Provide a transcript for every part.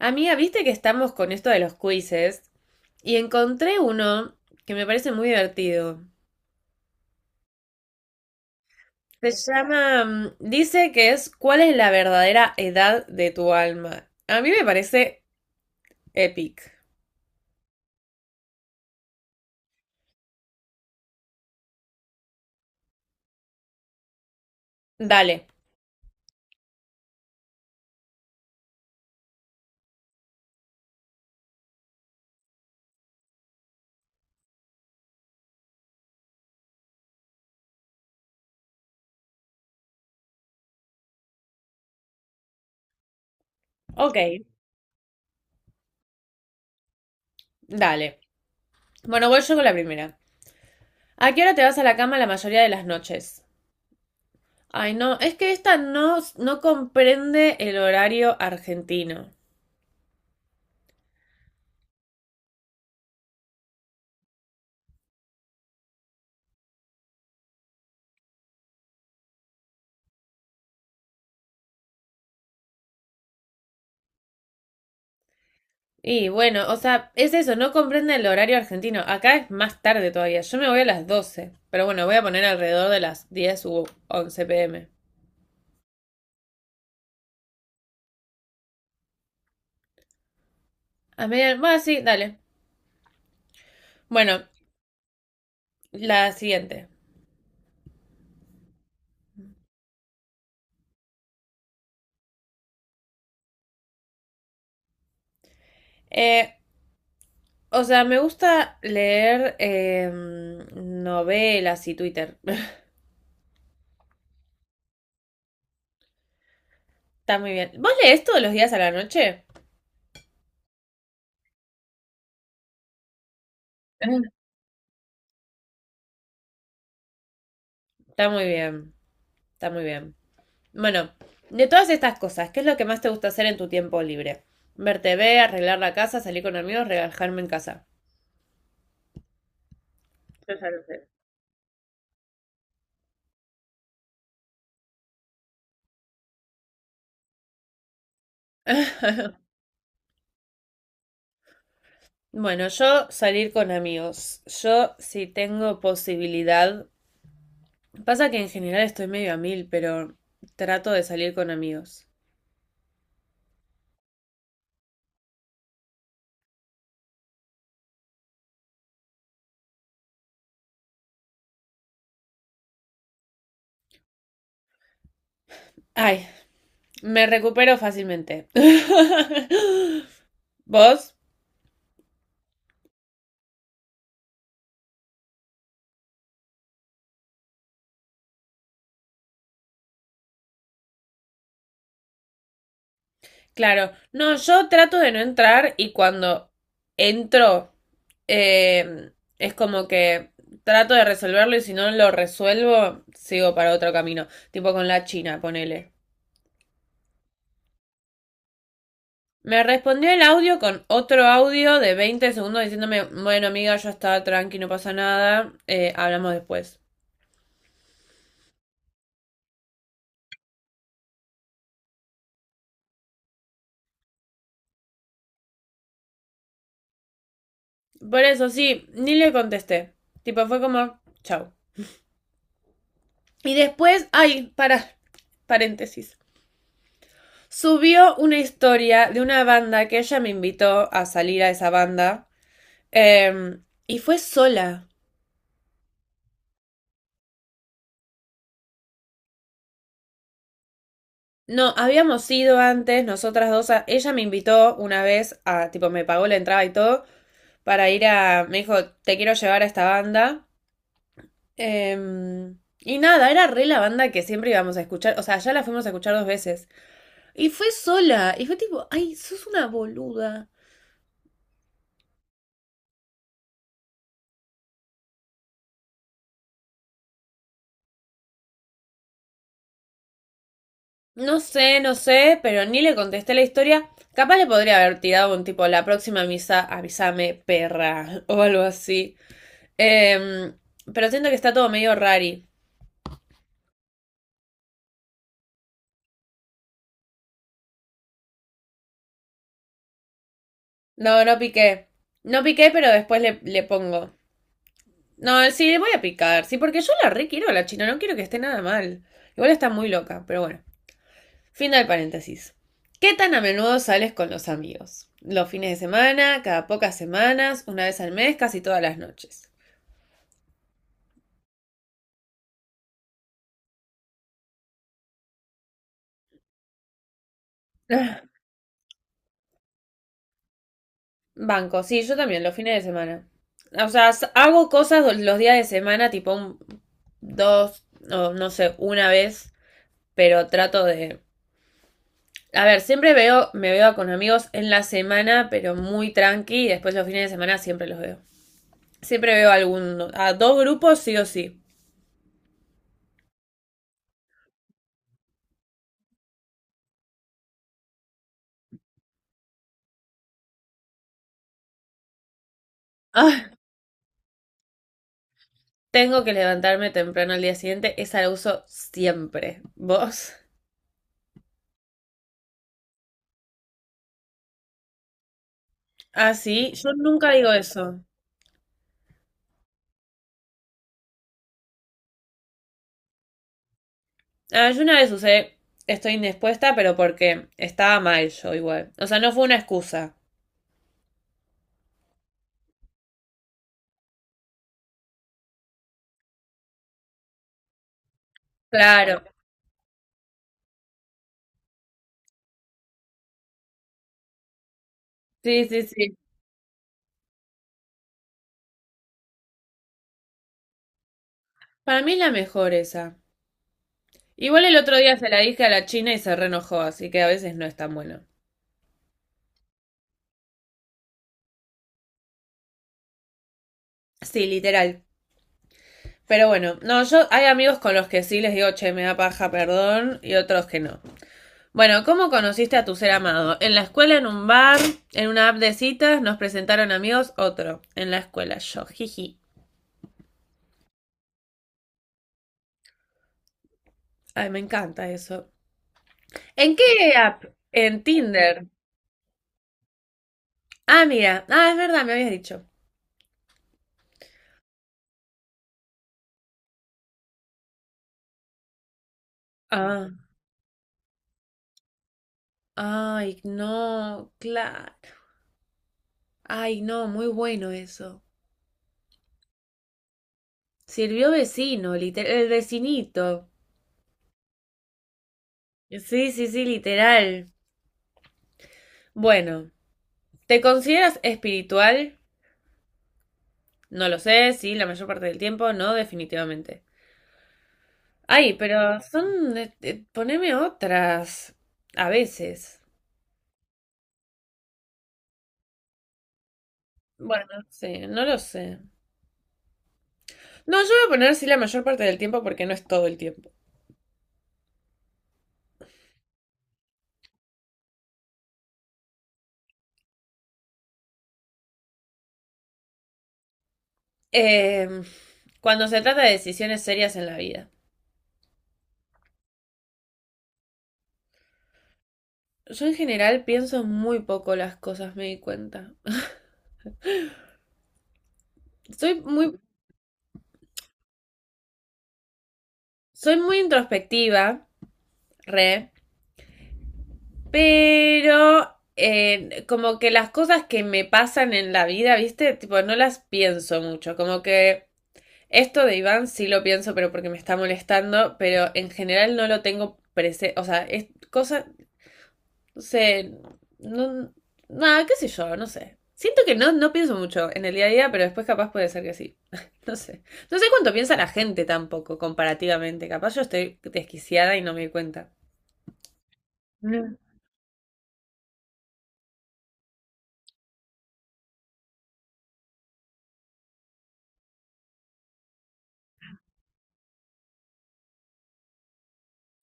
Amiga, viste que estamos con esto de los quizzes y encontré uno que me parece muy divertido. Se llama, dice que es ¿cuál es la verdadera edad de tu alma? A mí me parece epic. Dale, ok, dale. Bueno, voy yo con la primera. ¿A qué hora te vas a la cama la mayoría de las noches? Ay, no, es que esta no, no comprende el horario argentino. Y bueno, o sea, es eso, no comprende el horario argentino. Acá es más tarde todavía. Yo me voy a las 12, pero bueno, voy a poner alrededor de las diez u once pm. A medianoche, bueno, sí, dale. Bueno, la siguiente. Eh, o sea, me gusta leer novelas y Twitter. Está muy bien. ¿Vos lees todos los días a la noche? Está muy bien, está muy bien. Bueno, de todas estas cosas, ¿qué es lo que más te gusta hacer en tu tiempo libre? Ver TV, arreglar la casa, salir con amigos, relajarme en casa. Yo ya lo sé. Bueno, yo salir con amigos. Yo si tengo posibilidad. Pasa que en general estoy medio a mil, pero trato de salir con amigos. Ay, me recupero fácilmente. ¿Vos? Claro, no, yo trato de no entrar y cuando entro eh, es como que trato de resolverlo y si no lo resuelvo sigo para otro camino, tipo con la China, ponele. Me respondió el audio con otro audio de 20 segundos diciéndome, bueno amiga, yo estaba tranqui, no pasa nada, hablamos después. Por eso sí, ni le contesté, tipo fue como, chau. Y después, ay, para, paréntesis. Subió una historia de una banda que ella me invitó a salir a esa banda. eh, y fue sola. No, habíamos ido antes, nosotras dos. Ella me invitó una vez a, tipo, me pagó la entrada y todo, para ir a. Me dijo, te quiero llevar a esta banda. Eh, y nada, era re la banda que siempre íbamos a escuchar. O sea, ya la fuimos a escuchar dos veces. Y fue sola. Y fue tipo, ay, sos una boluda. No sé, no sé, pero ni le contesté la historia. Capaz le podría haber tirado un tipo, la próxima misa, avísame, perra, o algo así. Em, pero siento que está todo medio rari. No, no piqué. No piqué, pero después le pongo. No, sí, le voy a picar, sí, porque yo la re quiero a la China, no quiero que esté nada mal. Igual está muy loca, pero bueno. Fin del paréntesis. ¿Qué tan a menudo sales con los amigos? Los fines de semana, cada pocas semanas, una vez al mes, casi todas las noches. Ah, banco, sí, yo también, los fines de semana. O sea, hago cosas los días de semana, tipo dos, o no sé, una vez, pero trato de... A ver, siempre veo, me veo con amigos en la semana, pero muy tranqui, y después los fines de semana siempre los veo. Siempre veo algún, a dos grupos sí o sí. Ah, tengo que levantarme temprano al día siguiente, esa la uso siempre. ¿Vos? Ah, sí, yo nunca digo eso. Ah, yo una vez usé estoy indispuesta, pero porque estaba mal yo igual. O sea, no fue una excusa. Claro. Sí, sí, sí. Para mí es la mejor esa. Igual el otro día se la dije a la China y se reenojó, así que a veces no es tan bueno. Sí, literal. Pero bueno, no, yo hay amigos con los que sí les digo, che, me da paja, perdón, y otros que no. Bueno, ¿cómo conociste a tu ser amado? En la escuela, en un bar, en una app de citas, nos presentaron amigos, otro. En la escuela, yo, jiji. Ay, me encanta eso. ¿En qué app? En Tinder. Ah, mira. Ah, es verdad, me habías dicho. Ah, ay, no, claro. Ay, no, muy bueno eso. Sirvió vecino, el vecinito. Sí, sí, sí, literal. Bueno, ¿te consideras espiritual? No lo sé, sí, la mayor parte del tiempo, no, definitivamente. Ay, pero son... poneme otras. A veces. Bueno, sí, no lo sé. No, yo voy a poner sí la mayor parte del tiempo porque no es todo el tiempo. Eh, Cuando se trata de decisiones serias en la vida. Yo en general pienso muy poco las cosas, me di cuenta. Soy muy, Soy muy introspectiva, re, pero como que las cosas que me pasan en la vida, ¿viste? Tipo, no las pienso mucho. Como que esto de Iván sí lo pienso, pero porque me está molestando, pero en general no lo tengo presente. O sea, es cosas. No sé, no, nada, qué sé yo, no sé. Siento que no, no pienso mucho en el día a día, pero después capaz puede ser que sí. No sé. No sé cuánto piensa la gente tampoco, comparativamente. Capaz yo estoy desquiciada y no me doy cuenta. Mm.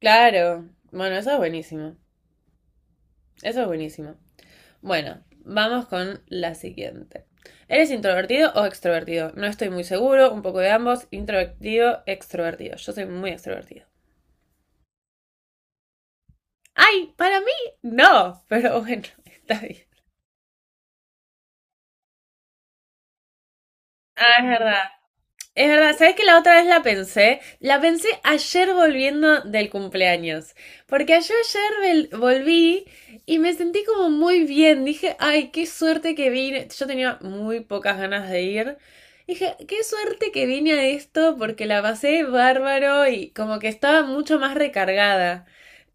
Claro. Bueno, eso es buenísimo. Eso es buenísimo. Bueno, vamos con la siguiente. ¿Eres introvertido o extrovertido? No estoy muy seguro, un poco de ambos, introvertido, extrovertido. Yo soy muy extrovertido. ¡Ay! Para mí, no, pero bueno, está bien. Ah, es verdad. Es verdad. ¿Sabes que la otra vez la pensé? La pensé ayer volviendo del cumpleaños. Porque yo ayer volví y me sentí como muy bien. Dije, ay, qué suerte que vine. Yo tenía muy pocas ganas de ir. Dije, qué suerte que vine a esto porque la pasé bárbaro y como que estaba mucho más recargada.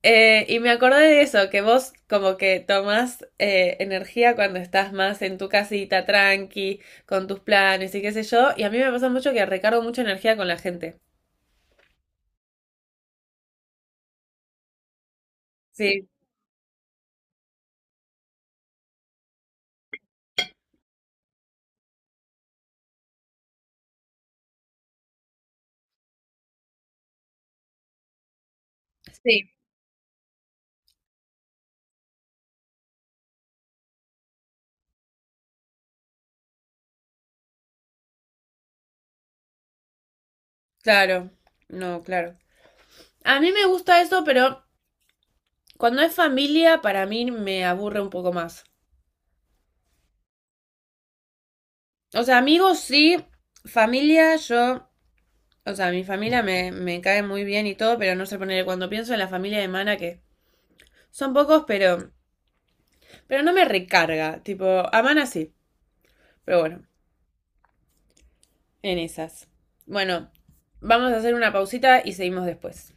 Y me acordé de eso, que vos como que tomás energía cuando estás más en tu casita, tranqui con tus planes y qué sé yo. Y a mí me pasa mucho que recargo mucha energía con la gente. Sí, sí, claro. No, claro. A mí me gusta eso, pero cuando es familia, para mí me aburre un poco más. O sea, amigos sí, familia yo, o sea, mi familia me cae muy bien y todo, pero no sé poner cuando pienso en la familia de Mana que son pocos, pero no me recarga, tipo, a Mana sí, pero bueno, en esas. Bueno, vamos a hacer una pausita y seguimos después.